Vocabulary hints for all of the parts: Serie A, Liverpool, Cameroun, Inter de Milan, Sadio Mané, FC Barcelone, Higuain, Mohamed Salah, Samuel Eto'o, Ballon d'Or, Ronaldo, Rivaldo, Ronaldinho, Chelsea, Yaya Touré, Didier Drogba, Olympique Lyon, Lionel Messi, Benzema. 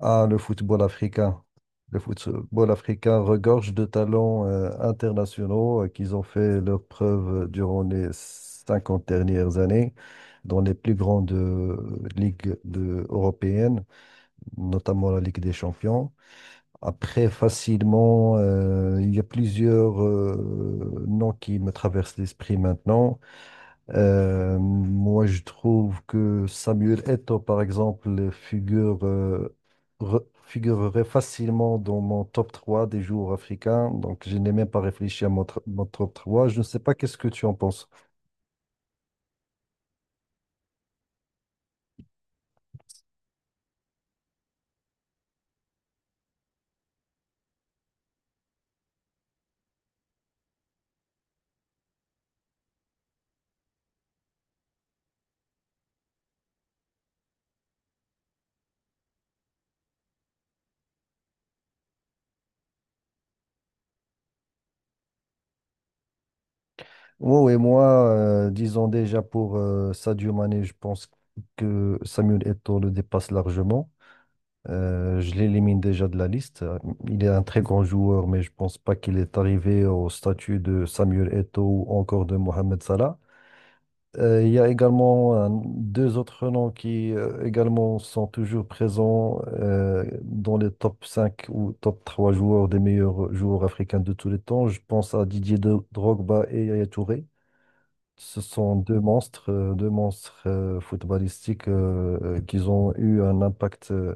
Ah, le football africain. Le football africain regorge de talents internationaux qu'ils ont fait leurs preuves durant les 50 dernières années dans les plus grandes ligues européennes, notamment la Ligue des Champions. Après, facilement, il y a plusieurs noms qui me traversent l'esprit maintenant. Moi, je trouve que Samuel Eto'o, par exemple, figurerait facilement dans mon top 3 des joueurs africains. Donc, je n'ai même pas réfléchi à mon top 3. Je ne sais pas qu'est-ce que tu en penses. Oh, et moi, disons déjà pour Sadio Mané, je pense que Samuel Eto'o le dépasse largement. Je l'élimine déjà de la liste. Il est un très grand joueur, mais je pense pas qu'il est arrivé au statut de Samuel Eto'o ou encore de Mohamed Salah. Il y a également deux autres noms qui également sont toujours présents dans les top 5 ou top 3 joueurs des meilleurs joueurs africains de tous les temps. Je pense à Didier Drogba et Yaya Touré. Ce sont deux monstres footballistiques qui ont eu un impact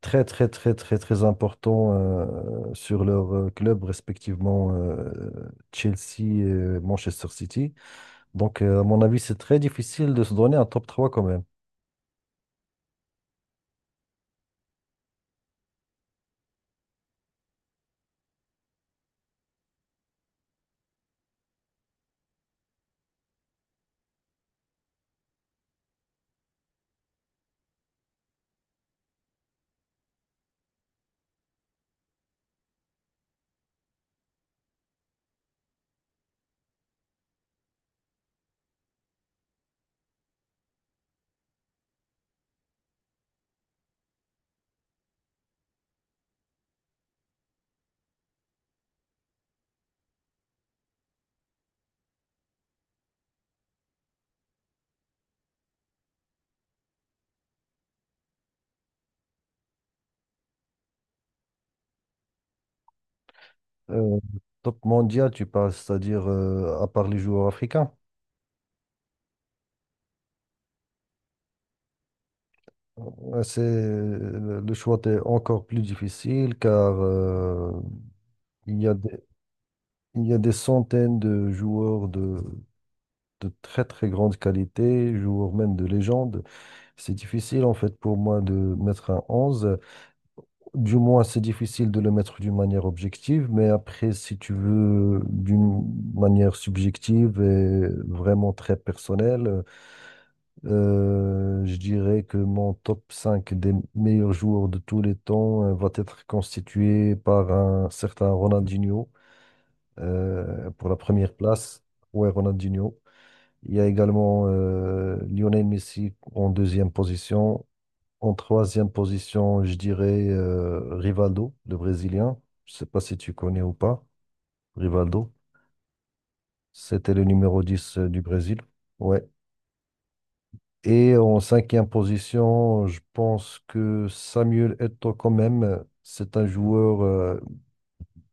très, très, très, très, très important sur leur club, respectivement Chelsea et Manchester City. Donc, à mon avis, c'est très difficile de se donner un top trois quand même. Euh, Top mondial, tu parles, c'est-à-dire à part les joueurs africains. C'est, le choix est encore plus difficile car il y a des, il y a des centaines de joueurs de très très grande qualité, joueurs même de légende. C'est difficile en fait pour moi de mettre un onze. Du moins, c'est difficile de le mettre d'une manière objective, mais après, si tu veux, d'une manière subjective et vraiment très personnelle, je dirais que mon top 5 des meilleurs joueurs de tous les temps va être constitué par un certain Ronaldinho pour la première place. Ouais, Ronaldinho. Il y a également Lionel Messi en deuxième position, en troisième position, je dirais Rivaldo, le Brésilien. Je ne sais pas si tu connais ou pas. Rivaldo, c'était le numéro 10 du Brésil. Ouais. Et en cinquième position, je pense que Samuel Eto'o quand même, c'est un joueur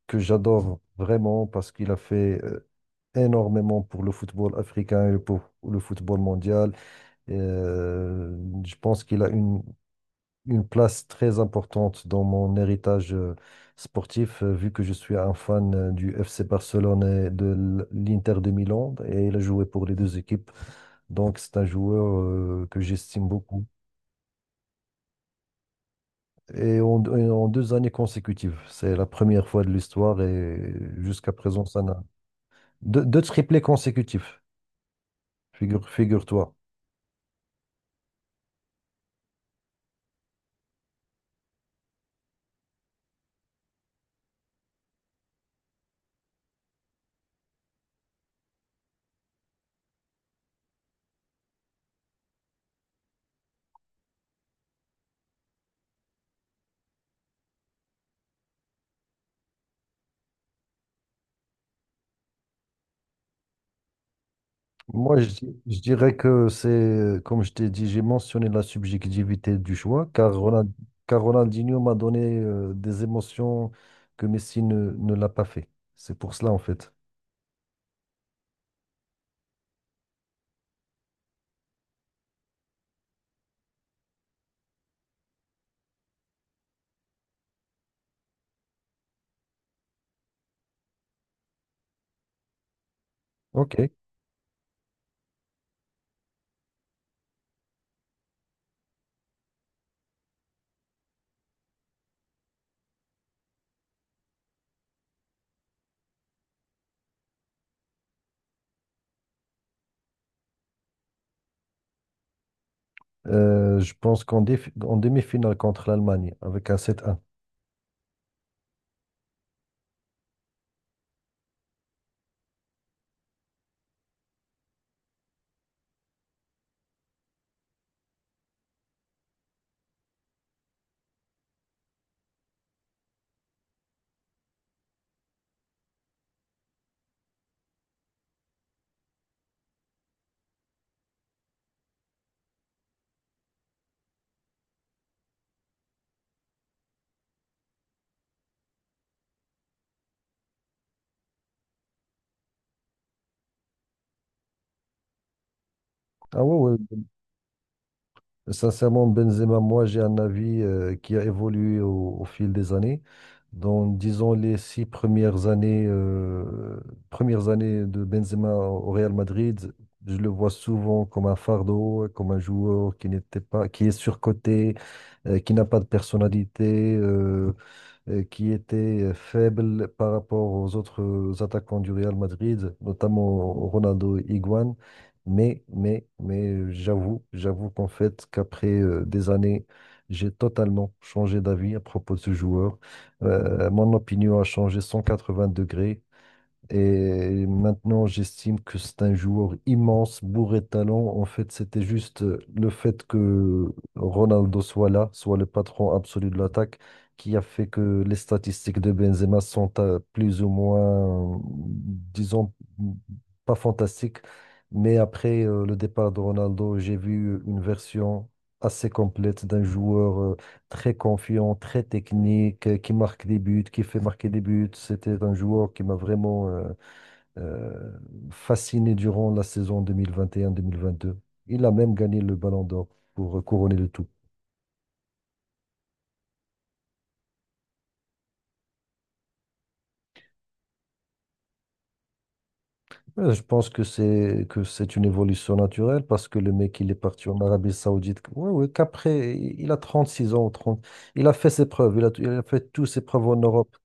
que j'adore vraiment parce qu'il a fait énormément pour le football africain et pour le football mondial. Euh, je pense qu'il a une place très importante dans mon héritage sportif, vu que je suis un fan du FC Barcelone et de l'Inter de Milan, et il a joué pour les deux équipes. Donc, c'est un joueur que j'estime beaucoup. Et en deux années consécutives, c'est la première fois de l'histoire, et jusqu'à présent, ça n'a... Deux triplés consécutifs, figure-toi. Moi, je dirais que c'est, comme je t'ai dit, j'ai mentionné la subjectivité du choix, car Ronaldinho m'a donné des émotions que Messi ne l'a pas fait. C'est pour cela, en fait. OK. Je pense qu'en défi- en demi-finale contre l'Allemagne, avec un 7-1. Ah, ouais, ouais. Sincèrement, Benzema, moi, j'ai un avis qui a évolué au fil des années. Dans, disons, les six premières années, de Benzema au Real Madrid, je le vois souvent comme un fardeau, comme un joueur qui n'était pas, qui est surcoté, qui n'a pas de personnalité. Qui était faible par rapport aux autres attaquants du Real Madrid, notamment Ronaldo et Higuain. Mais j'avoue qu'en fait, qu'après des années, j'ai totalement changé d'avis à propos de ce joueur. Mon opinion a changé 180 degrés. Et maintenant, j'estime que c'est un joueur immense, bourré de talent. En fait, c'était juste le fait que Ronaldo soit là, soit le patron absolu de l'attaque, qui a fait que les statistiques de Benzema sont plus ou moins, disons, pas fantastiques. Mais après le départ de Ronaldo, j'ai vu une version assez complète d'un joueur très confiant, très technique, qui marque des buts, qui fait marquer des buts. C'était un joueur qui m'a vraiment euh, fasciné durant la saison deux mille vingt et un vingt deux. Il a même gagné le Ballon d'Or pour couronner le tout. Je pense que c'est une évolution naturelle parce que le mec, il est parti en Arabie Saoudite. Ouais, ouais, qu'après, il a 36 ans, 30. Il a fait ses preuves, il a fait toutes ses preuves en Europe.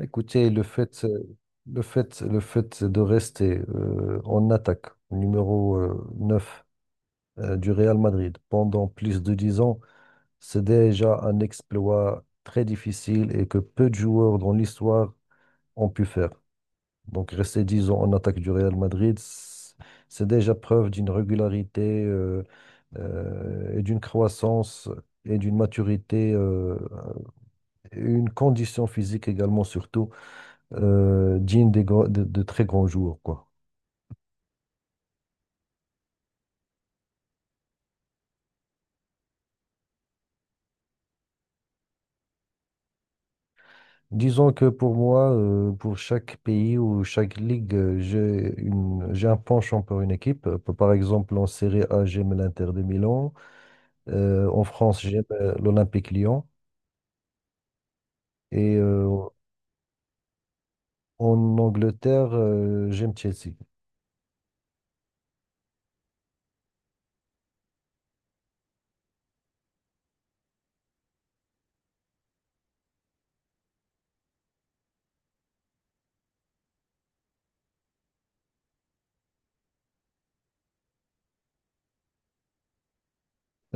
Écoutez, le fait de rester en attaque, numéro 9 du Real Madrid pendant plus de 10 ans, c'est déjà un exploit très difficile et que peu de joueurs dans l'histoire ont pu faire. Donc rester 10 ans en attaque du Real Madrid, c'est déjà preuve d'une régularité et d'une croissance et d'une maturité, et une condition physique également surtout digne de très grands jours, quoi. Disons que pour moi, pour chaque pays ou chaque ligue, j'ai un penchant pour une équipe. Par exemple, en Serie A, j'aime l'Inter de Milan. En France, j'aime l'Olympique Lyon. Et en Angleterre, j'aime Chelsea.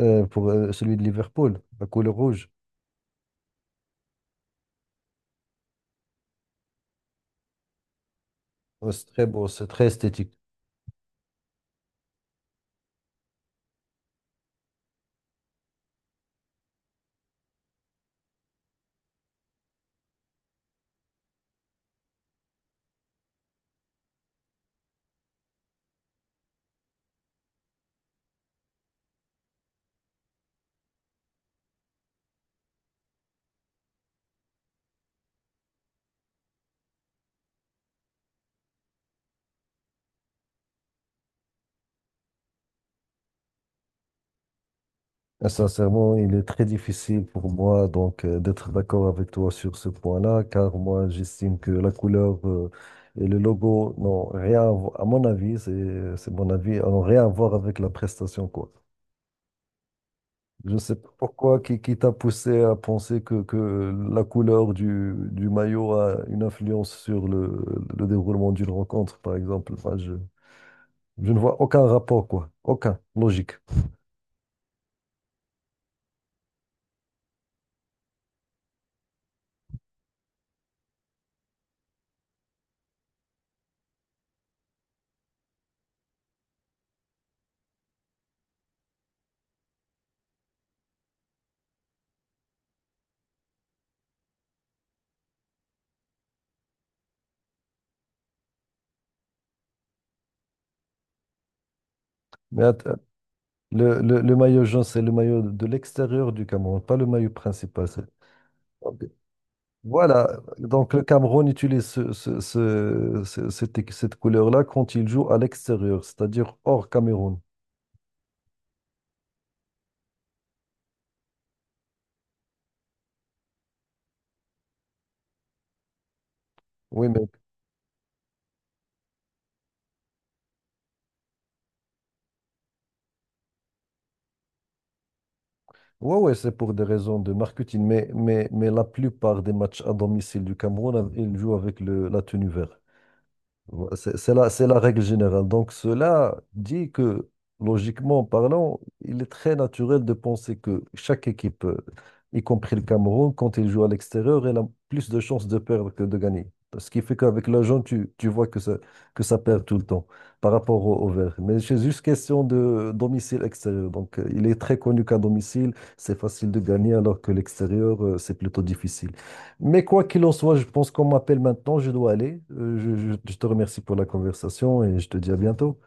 Pour celui de Liverpool, la couleur rouge. C'est très beau, c'est très esthétique. Et sincèrement, il est très difficile pour moi donc d'être d'accord avec toi sur ce point-là, car moi j'estime que la couleur et le logo n'ont rien à voir, à mon avis, c'est mon avis, n'ont rien à voir avec la prestation quoi. Je ne sais pas pourquoi qui t'a poussé à penser que la couleur du maillot a une influence sur le déroulement d'une rencontre, par exemple. Enfin, je ne vois aucun rapport quoi, aucun logique. Mais à, le maillot jaune, c'est le maillot de l'extérieur du Cameroun, pas le maillot principal. OK. Voilà, donc le Cameroun utilise cette couleur-là quand il joue à l'extérieur, c'est-à-dire hors Cameroun. Oui, mais ouais, ouais, c'est pour des raisons de marketing, mais la plupart des matchs à domicile du Cameroun, ils jouent avec la tenue verte. Voilà, c'est la règle générale. Donc cela dit que, logiquement parlant, il est très naturel de penser que chaque équipe, y compris le Cameroun, quand il joue à l'extérieur, elle a plus de chances de perdre que de gagner. Ce qui fait qu'avec l'argent, tu vois que ça perd tout le temps par rapport au vert. Mais c'est juste question de domicile extérieur. Donc il est très connu qu'à domicile, c'est facile de gagner alors que l'extérieur, c'est plutôt difficile. Mais quoi qu'il en soit, je pense qu'on m'appelle maintenant, je dois aller. Je te remercie pour la conversation et je te dis à bientôt.